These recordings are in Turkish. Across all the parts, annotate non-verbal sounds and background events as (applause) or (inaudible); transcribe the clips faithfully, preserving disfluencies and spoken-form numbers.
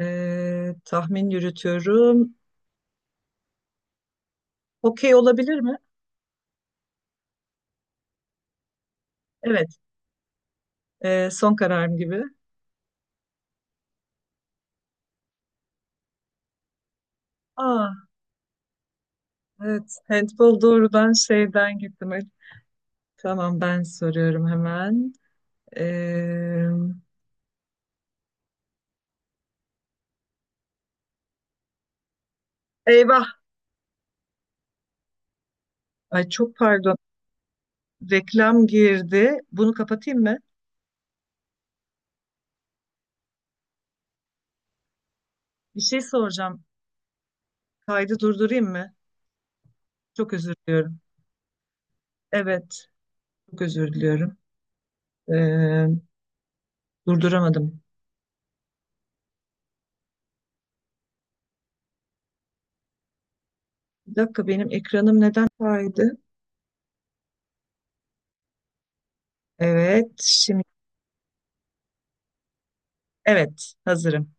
Ee, tahmin yürütüyorum. Okey olabilir mi? Evet. Ee, son kararım gibi. Aa, evet. Handball doğrudan şeyden gittim. Evet. Tamam, ben soruyorum hemen. Ee, Eyvah. Ay, çok pardon. Reklam girdi. Bunu kapatayım mı? Bir şey soracağım. Kaydı durdurayım mı? Çok özür diliyorum. Evet. Çok özür diliyorum. Ee, Durduramadım. Bir dakika, benim ekranım neden kaydı? Evet. Şimdi, evet, hazırım.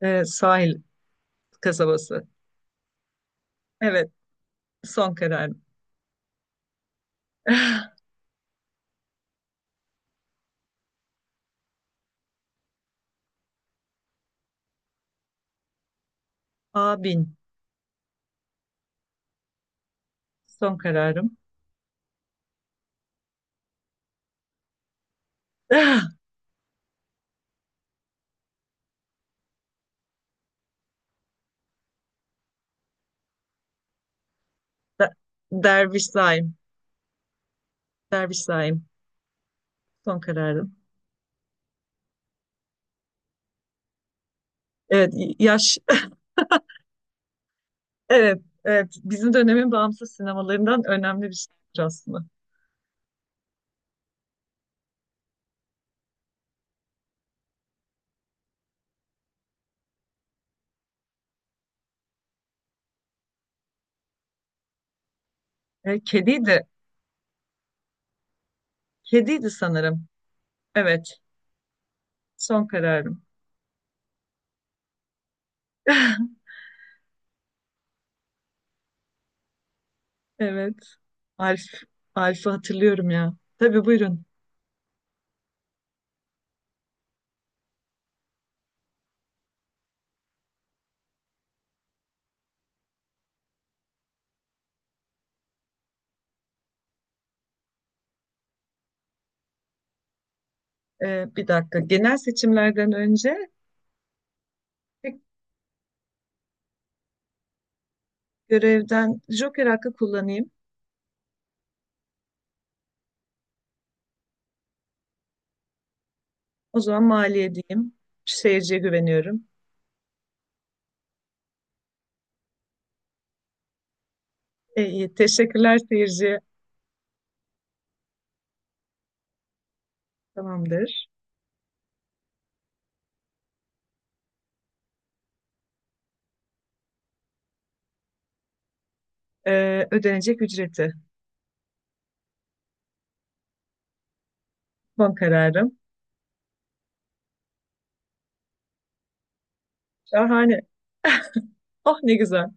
Evet, sahil kasabası. Evet, son kararım. (laughs) Abin, son kararım. (laughs) Der- Derviş Zaim. Derviş Zaim, son kararım. Evet, y- yaş. (laughs) Evet, evet. Bizim dönemin bağımsız sinemalarından önemli bir şeydir aslında. E, kediydi, kediydi sanırım. Evet, son kararım. (laughs) Evet, Alf. Alf'ı hatırlıyorum ya. Tabii, buyurun. E, bir dakika. Genel seçimlerden önce, tek görevden, Joker hakkı kullanayım. O zaman maliye diyeyim. Seyirciye güveniyorum. E, iyi. Teşekkürler seyirci. Tamamdır. E, ödenecek ücreti. Son kararım. Şahane. Oh, ne güzel.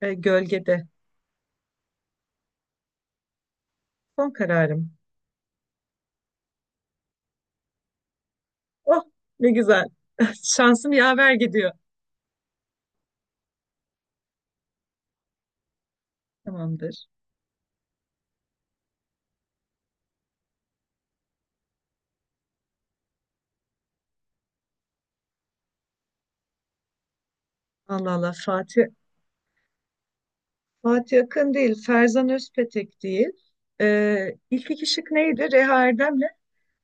E, gölgede. Son kararım. Oh, ne güzel. (laughs) Şansım yaver gidiyor. Tamamdır. Allah Allah. Fatih. Fatih Akın değil. Ferzan Özpetek değil. E, ilk iki şık neydi? Reha Erdem'le.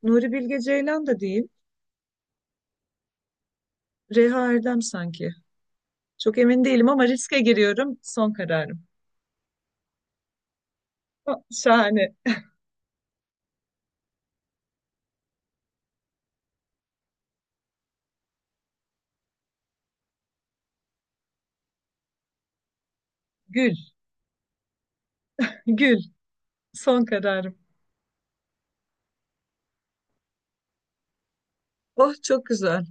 Nuri Bilge Ceylan da değil. Reha Erdem sanki. Çok emin değilim ama riske giriyorum. Son kararım. (laughs) Oh, şahane. Gül, gül. Son kararım. Oh, çok güzel.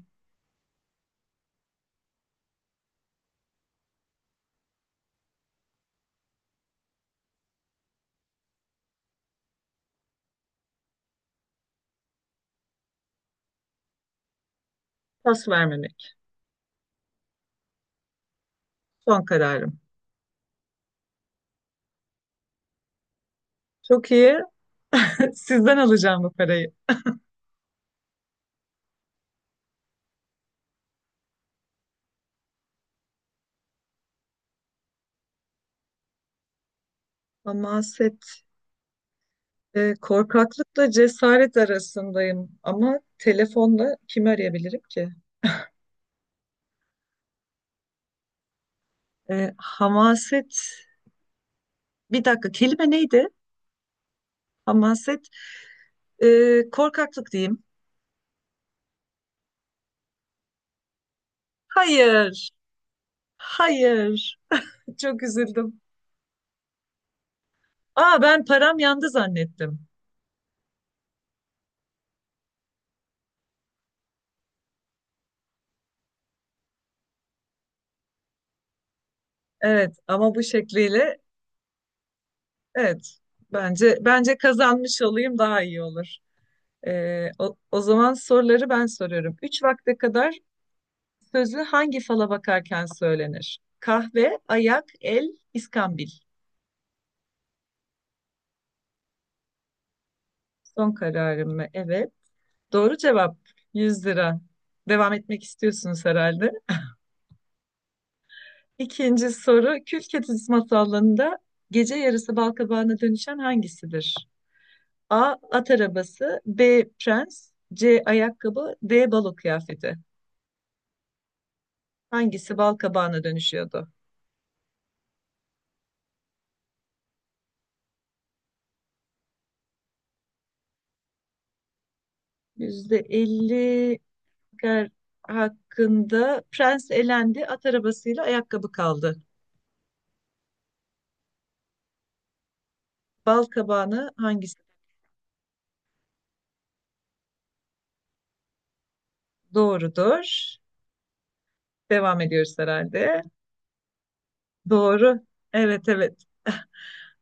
Pas vermemek. Son kararım. Çok iyi. (laughs) Sizden alacağım bu parayı. Hamaset. E, korkaklıkla cesaret arasındayım. Ama telefonla kimi arayabilirim ki? E, hamaset. Bir dakika, kelime neydi? Hamaset. E, korkaklık diyeyim. Hayır. Hayır. Çok üzüldüm. Aa, ben param yandı zannettim. Evet, ama bu şekliyle. Evet. Bence bence kazanmış olayım daha iyi olur. Ee, o, o zaman soruları ben soruyorum. Üç vakte kadar sözü hangi fala bakarken söylenir? Kahve, ayak, el, iskambil. Son kararım mı? Evet. Doğru cevap, yüz lira. Devam etmek istiyorsunuz herhalde. İkinci soru, Kül Kedisi masallarında gece yarısı balkabağına dönüşen hangisidir? A. At arabası, B. Prens, C. Ayakkabı, D. Balo kıyafeti. Hangisi bal kabağına dönüşüyordu? Yüzde elli kar hakkında prens elendi, at arabasıyla ayakkabı kaldı. Bal kabağını hangisi? Doğrudur. Devam ediyoruz herhalde. Doğru. Evet, evet. (laughs)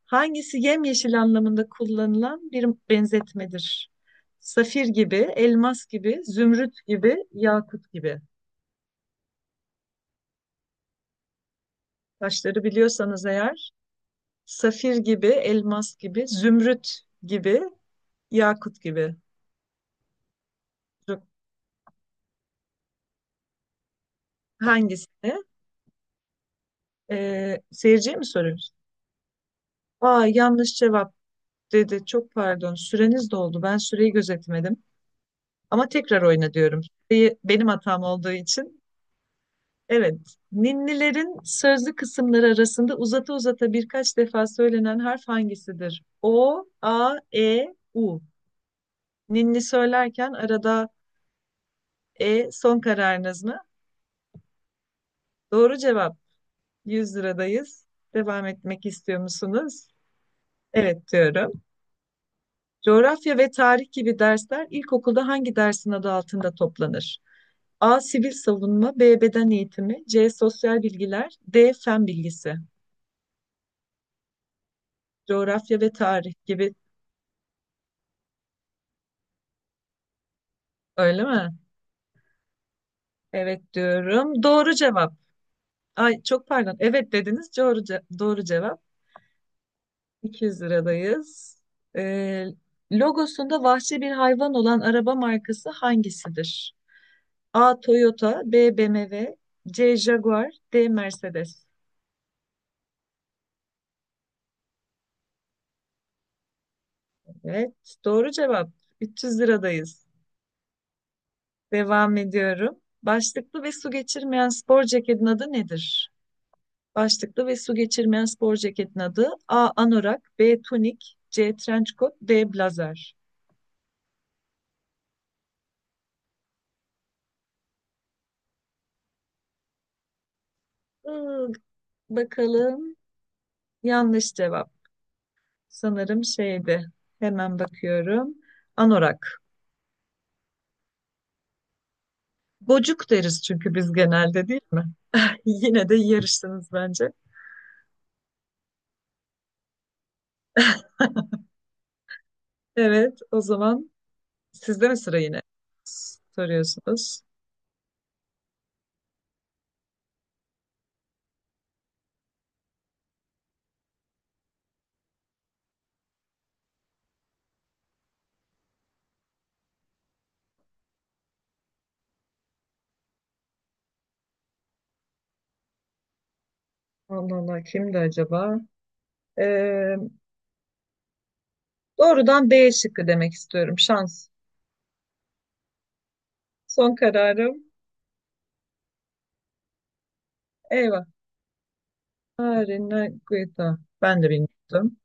Hangisi yemyeşil anlamında kullanılan bir benzetmedir? Safir gibi, elmas gibi, zümrüt gibi, yakut gibi. Taşları biliyorsanız eğer. Safir gibi, elmas gibi, zümrüt gibi, yakut gibi. Zü- Hangisini? Ee, seyirciye mi soruyoruz? Aa, yanlış cevap dedi. Çok pardon. Süreniz doldu. Ben süreyi gözetmedim. Ama tekrar oyna diyorum. Süreyi benim hatam olduğu için. Evet. Ninnilerin sözlü kısımları arasında uzata uzata birkaç defa söylenen harf hangisidir? O, A, E, U. Ninni söylerken arada, E son kararınız mı? Doğru cevap. yüz liradayız. Devam etmek istiyor musunuz? Evet diyorum. Coğrafya ve tarih gibi dersler ilkokulda hangi dersin adı altında toplanır? A. Sivil savunma, B. Beden eğitimi, C. Sosyal bilgiler, D. Fen bilgisi. Coğrafya ve tarih gibi, öyle mi? Evet diyorum. Doğru cevap. Ay, çok pardon. Evet dediniz. Doğru, ce- doğru cevap. iki yüz liradayız. Ee, Logosunda vahşi bir hayvan olan araba markası hangisidir? A. Toyota, B. BMW, C. Jaguar, D. Mercedes. Evet, doğru cevap. üç yüz liradayız. Devam ediyorum. Başlıklı ve su geçirmeyen spor ceketin adı nedir? Başlıklı ve su geçirmeyen spor ceketin adı: A. Anorak, B. Tunik, C. Trençkot, D. Blazer. Iı, Bakalım. Yanlış cevap. Sanırım şeydi. Hemen bakıyorum. Anorak. Gocuk deriz çünkü biz genelde, değil mi? (laughs) Yine de yarıştınız bence. Evet, o zaman sizde mi sıra, yine soruyorsunuz? Allah Allah, kimdi acaba? Ee, Doğrudan B şıkkı demek istiyorum. Şans. Son kararım. Eyvah. Arina Guita. Ben de bilmiyordum.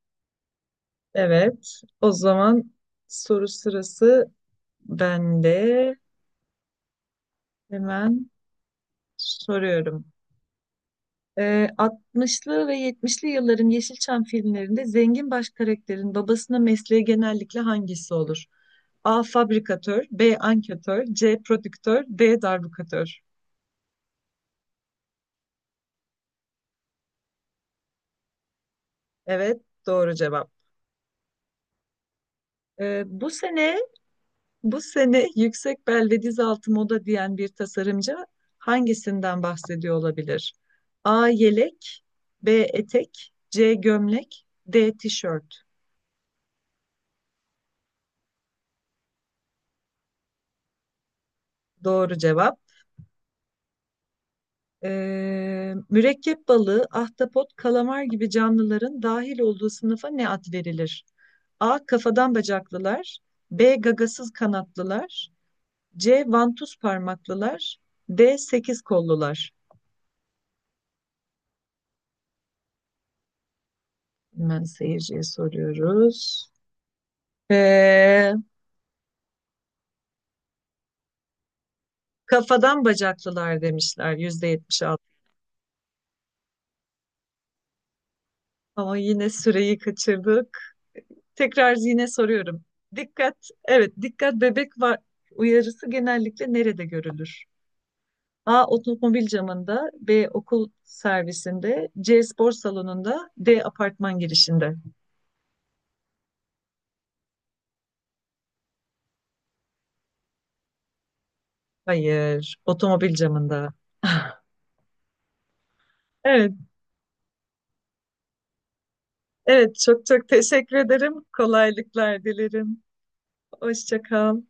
Evet. O zaman soru sırası bende. Hemen soruyorum. Ee, altmışlı ve yetmişli yılların Yeşilçam filmlerinde zengin baş karakterin babasına mesleği genellikle hangisi olur? A. Fabrikatör, B. Anketör, C. Prodüktör, D. Darbukatör. Evet, doğru cevap. Ee, bu sene bu sene yüksek bel ve diz altı moda diyen bir tasarımcı hangisinden bahsediyor olabilir? A. Yelek, B. Etek, C. Gömlek, D. Tişört. Doğru cevap. Ee, mürekkep balığı, ahtapot, kalamar gibi canlıların dahil olduğu sınıfa ne ad verilir? A. Kafadan bacaklılar. B. Gagasız kanatlılar. C. Vantuz parmaklılar. D. Sekiz kollular. Hemen seyirciye soruyoruz. Ee, Kafadan bacaklılar demişler, yüzde yetmiş altı. Ama yine süreyi kaçırdık. Tekrar yine soruyorum. Dikkat, evet, dikkat bebek var uyarısı genellikle nerede görülür? A. Otomobil camında. B. Okul servisinde. C. Spor salonunda. D. Apartman girişinde. Hayır, otomobil camında. (laughs) Evet, evet, çok çok teşekkür ederim. Kolaylıklar dilerim. Hoşça kal.